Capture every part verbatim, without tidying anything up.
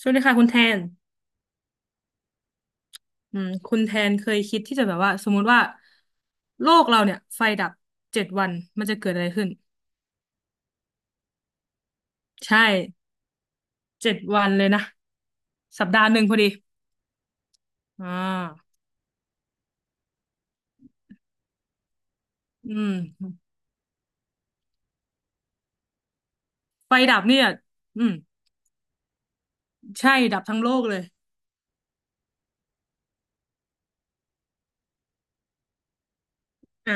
สวัสดีค่ะคุณแทนอืมคุณแทนเคยคิดที่จะแบบว่าสมมุติว่าโลกเราเนี่ยไฟดับเจ็ดวันมันจะเกิดอะไรขึ้นใช่เจ็ดวันเลยนะสัปดาห์หนึ่งพอดีอ่าอืมไฟดับเนี่ยอืมใช่ดับทั้งโลกเลยอ่า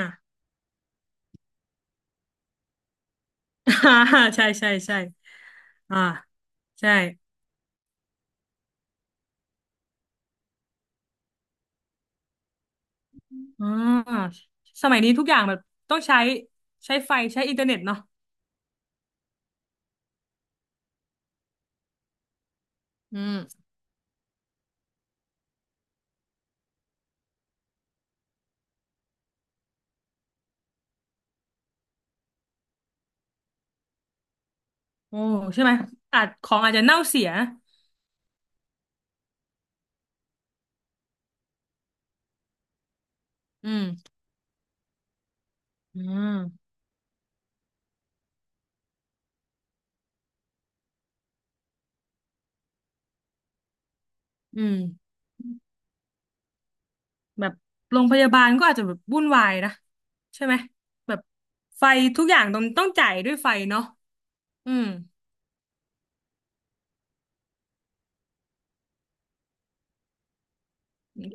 ใช่ใช่ใช่อ่าใช่อ่าสมัยนี้ทุกอย่างแบบต้องใช้ใช้ไฟใช้อินเทอร์เน็ตเนาะอืมโอ้ใช่ไหมอาจของอาจจะเน่าเสียอืมอืมอืม แบบโรงพยาบาลก็อาจจะแบบวุ่นวายนะใช่ไหมแบบไฟทุกอย่างต้องต้องจ่ายด้วยไฟเนาะอืม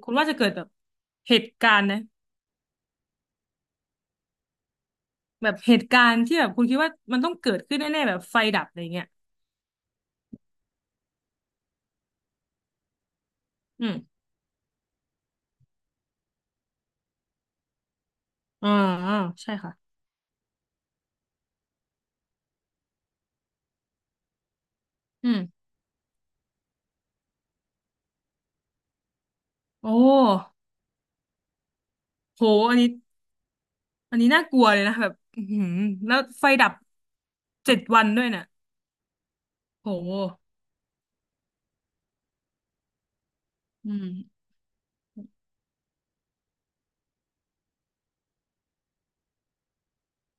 คุณว่าจะเกิดแบบเหตุการณ์นะแบบเหตุการณ์ที่แบบคุณคิดว่ามันต้องเกิดขึ้นแน่ๆแบบไฟดับอะไรเงี้ยอืมอ่าอ่าใช่ค่ะอืมโอ้โหอันนี้อันนี้น่ากลัวเลยนะแบบอือหือแล้วไฟดับเจ็ดวันด้วยเนี่ยโหอืม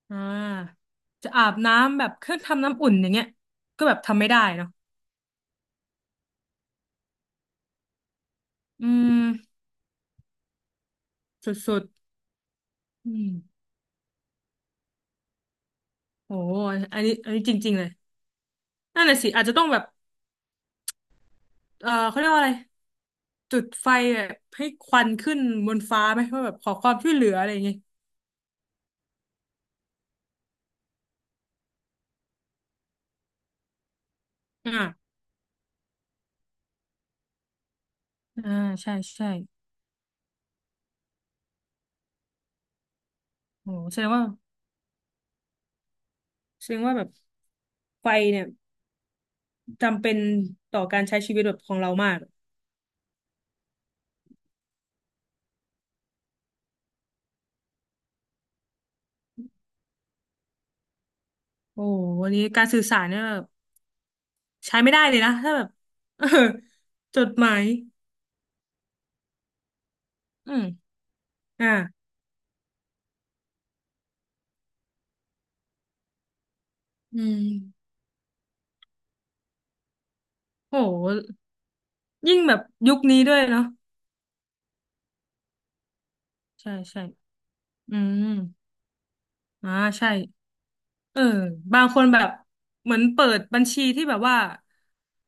อ่าจะอาบน้ำแบบเครื่องทำน้ำอุ่นอย่างเงี้ยก็แบบทำไม่ได้เนาะ อืมสุดๆอืมโหอันนี้อันนี้จริงๆเลยนั่นแหละสิอาจจะต้องแบบเออเขาเรียกว่าอะไรจุดไฟแบบให้ควันขึ้นบนฟ้าไหมว่าแบบขอความช่วยเหลืออะไรอย่างเงี้ยอ่าอ่าใช่ใช่โหแสดงว่าแสดงว่าแบบไฟเนี่ยจำเป็นต่อการใช้ชีวิตแบบของเรามากโอ้โหวันนี้การสื่อสารเนี่ยแบบใช้ไม่ได้เลยนะถ้าแบบ เออจดหมายอืมอ่าอืมโหยิ่งแบบยุคนี้ด้วยเนาะใช่ใช่ อืมอ่าใช่เออบางคนแบบเหมือนเปิดบัญชีที่แบบว่า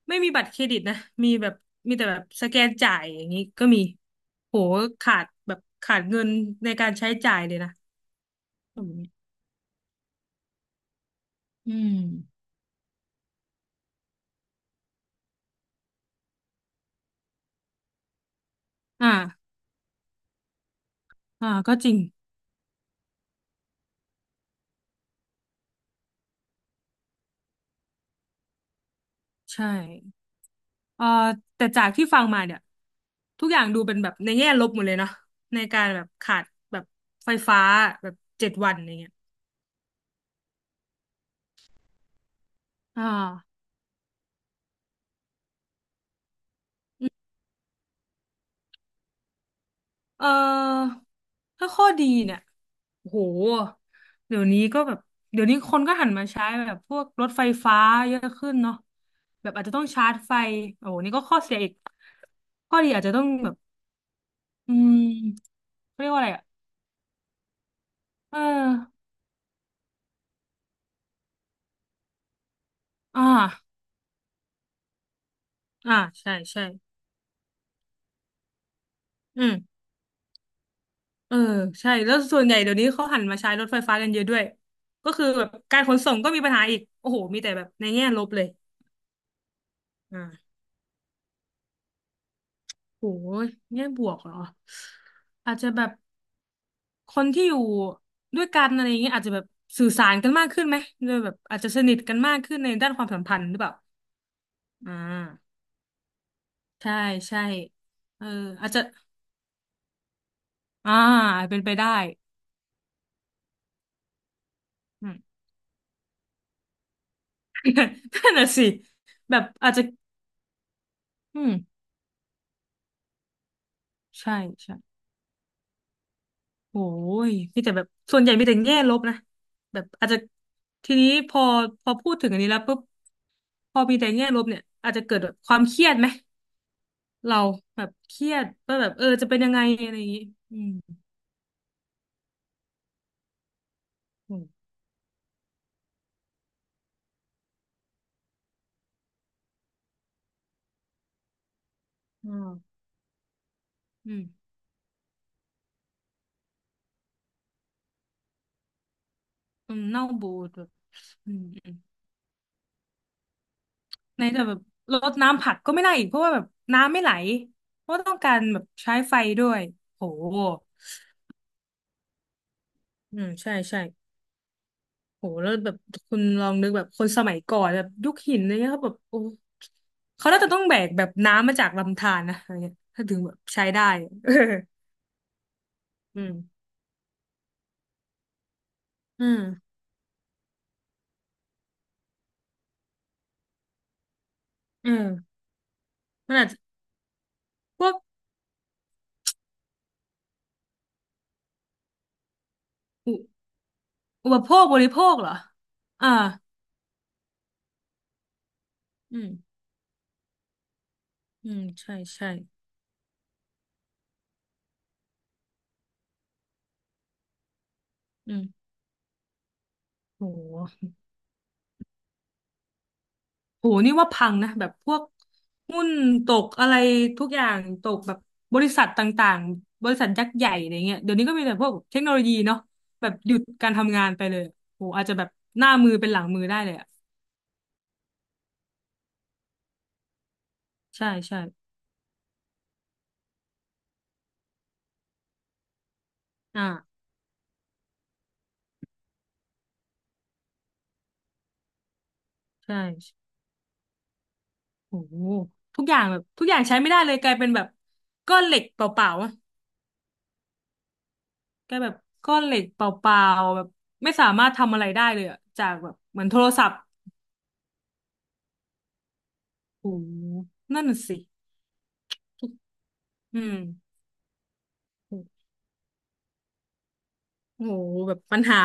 ไม่มีบัตรเครดิตนะ มีแบบมีแต่แบบสแกนจ่ายอย่างนี้ก็มีโหขาดแบบขาดเงินในการใช้จ่ายเลยนะแบบนี้อืม อ่าอ่าก็จริง ใช่เออแต่จากที่ฟังมาเนี่ยทุกอย่างดูเป็นแบบในแง่ลบหมดเลยเนาะในการแบบขาดแบบไฟฟ้าแบบเจ็ดวันอย่างเงี้ยอ่า เอ่อถ้าข้อดีเนี่ยโอ้โหเดี๋ยวนี้ก็แบบเดี๋ยวนี้คนก็หันมาใช้แบบพวกรถไฟฟ้าเยอะขึ้นเนาะแบบอาจจะต้องชาร์จไฟโอ้โหนี่ก็ข้อเสียอีกข้อดีอาจจะต้องแบบอืมเขาเรียกว่าอะไรอ่ะเอออ่าอ่าใช่ใช่อืมเออใช่แล้วส่วนใหญ่เดี๋ยวนี้เขาหันมาใช้รถไฟฟ้ากันเยอะด้วยก็คือแบบการขนส่งก็มีปัญหาอีกโอ้โหมีแต่แบบในแง่ลบเลยอ่า โหแง่บวกเหรอ อาจจะแบบคนที่อยู่ด้วยกันอะไรอย่างเงี้ยอาจจะแบบสื่อสารกันมากขึ้นไหมโดยแบบอาจจะสนิทกันมากขึ้นในด้านความสัมพันธ์หรือเปล่าอ่าใช่ใช่เอออาจจะอ่าเป็นไปได้อืม นั่นน่ะสิแบบอาจจะอืมใช่ใช่ โอ้ยมีแต่แบบส่วนใหญ่มีแต่แง่ลบนะแบบอาจจะทีนี้พอพอพูดถึงอันนี้แล้วปุ๊บพอมีแต่แง่ลบเนี่ยอาจจะเกิดแบบความเครียดไหมเราแบบเครียดว่าแบบเออจะเป็นยังไงอะไรอย่างนี้อืมอืมอืมอืมอืมเน่าบูดแบบอืมอืมในแต่แบบรดน้ำผักก็ไม่ได้อีกเพราะว่าแบบน้ำไม่ไหลเพราะว่าต้องการแบบใช้ไฟด้วยโหอืมใช่ใช่ โหแล้วแบบคุณลองนึกแบบคนสมัยก่อนแบบยุคหินอะไรเงี้ยเขาแบบโอ้เขาน่าจะต้องแบกแบบน้ำมาจากลำธารนะอะไรเงี้ยถ้าถึงแบบใช้ได้เออ อืมอืมเออมันอาจจะพวกอุอุปโภคบริโภคเหรอ อ่าอืมอืมใช่ใช่ อืมโห โหนี่ว่าพังนะแบบพวกหุ้นตกอะไรทุกอย่างตกแบบบริษัทต่างๆบริษัทยักษ์ใหญ่อะไรเงี้ยเดี๋ยวนี้ก็มีแต่พวกเทคโนโลยีเนาะแบบหยุดการทำงานไปเลยโหอาจจะแบบหน้ามือเป็นหลังมือได้เลยอ่ะใช่ใช่อ่าใช่โหทุกอย่างแบบทุกอย่างใช้ไม่ได้เลยกลายเป็นแบบก้อนเหล็กเปล่าๆอะกลายแบบก้อนเหล็กเปล่าๆแบบไม่สามารถทำอะไรได้เลยอะจากแบบเหมือนโทรศัพท์โหนั่นน่ะสิอืมโห โหแบบปัญหา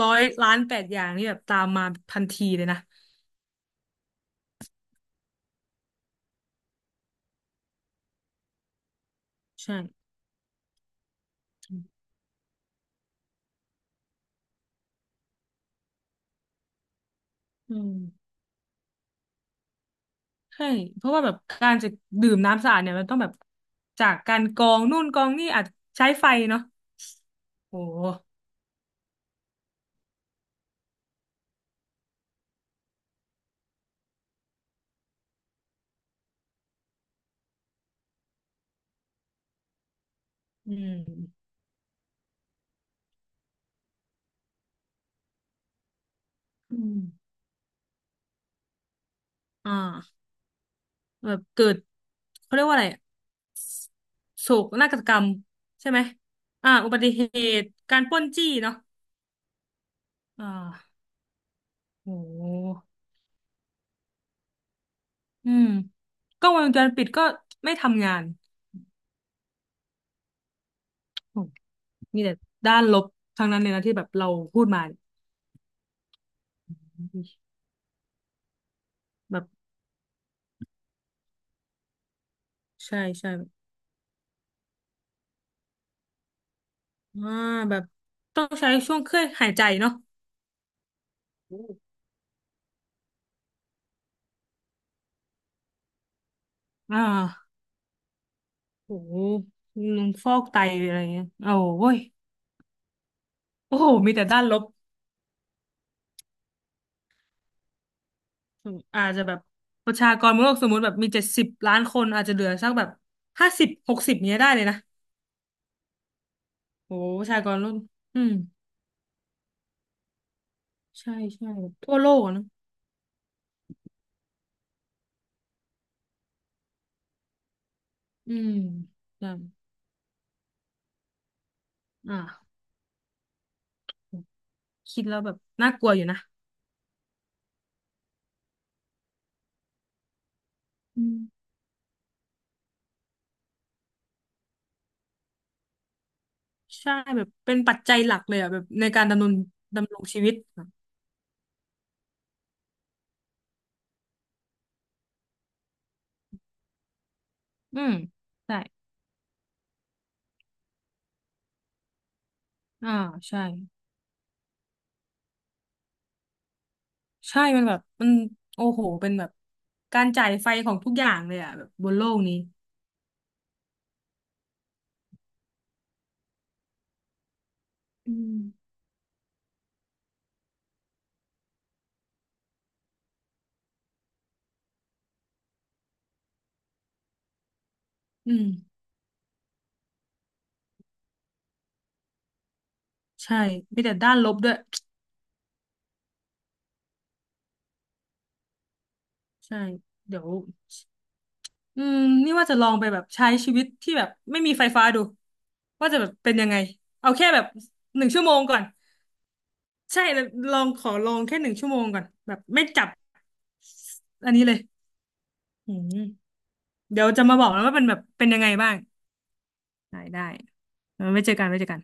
ร้อยล้านแปดอย่างนี่แบบตามมาทันทีเลยนะใช่อืมใช่เพราะว่าแบบการจะดื่มน้ำสะอาดเนี่ยมันต้องแบบจากการกรองนู่นกรองนี่อาจใช้ไฟเนาะโอ้อืมอืมอ่าแบบเกิดเขาเรียกว่าอะไรอะโศกนาฏกรรมใช่ไหมอ่าอุบัติเหตุการปล้นจี้เนาะอ่าโอ้อืมกล้องวงจรปิดก็ไม่ทำงาน โอ้มีแต่ด้านลบทั้งนั้นเลยนะที่แบบเราพูดมาเนี่ยแบบใช่ใช่อ่าแบบต้องใช้ช่วงเครื่องหายใจเนาะโออ่าโอ้โหฟอกไตอะไรเงี้ยโอ้โว้ยโอ้โหมีแต่ด้านลบอาจจะแบบประชากรโลกสมมติแบบมีเจ็ดสิบล้านคนอาจจะเหลือสักแบบห้าสิบหกสิบเนี้ยได้เลยนะโอ้โหประชากรโลกอืมใช่ใช่แบบทั่วโลกอะเนอะอืมใช่อ่าคิดแล้วแบบน่ากลัวอยู่นะอืม ใช่แบบเป็นปัจจัยหลักเลยอ่ะแบบในการดำรงดำรงชีวิตอะอืมใช่อ่าใช่ใช่มันแบบมันโอ้โหเป็นแบบการจ่ายไฟของทุกอย่างเลยอ่ะแบบบนโลกนี้อืมอืมใช่มีแต่ด้านลบด้วยใช่เดี๋ยวอืมนี่ว่าจะลองไปแบบใช้ชีวิตที่แบบไม่มีไฟฟ้าดูว่าจะแบบเป็นยังไงเอาแค่แบบหนึ่งชั่วโมงก่อนใช่แล้วลองขอลองแค่หนึ่งชั่วโมงก่อนแบบไม่จับอันนี้เลยอืม เดี๋ยวจะมาบอกแล้วว่ามันแบบเป็นยังไงบ้างได้ได้ไว้เจอกันไว้เจอกัน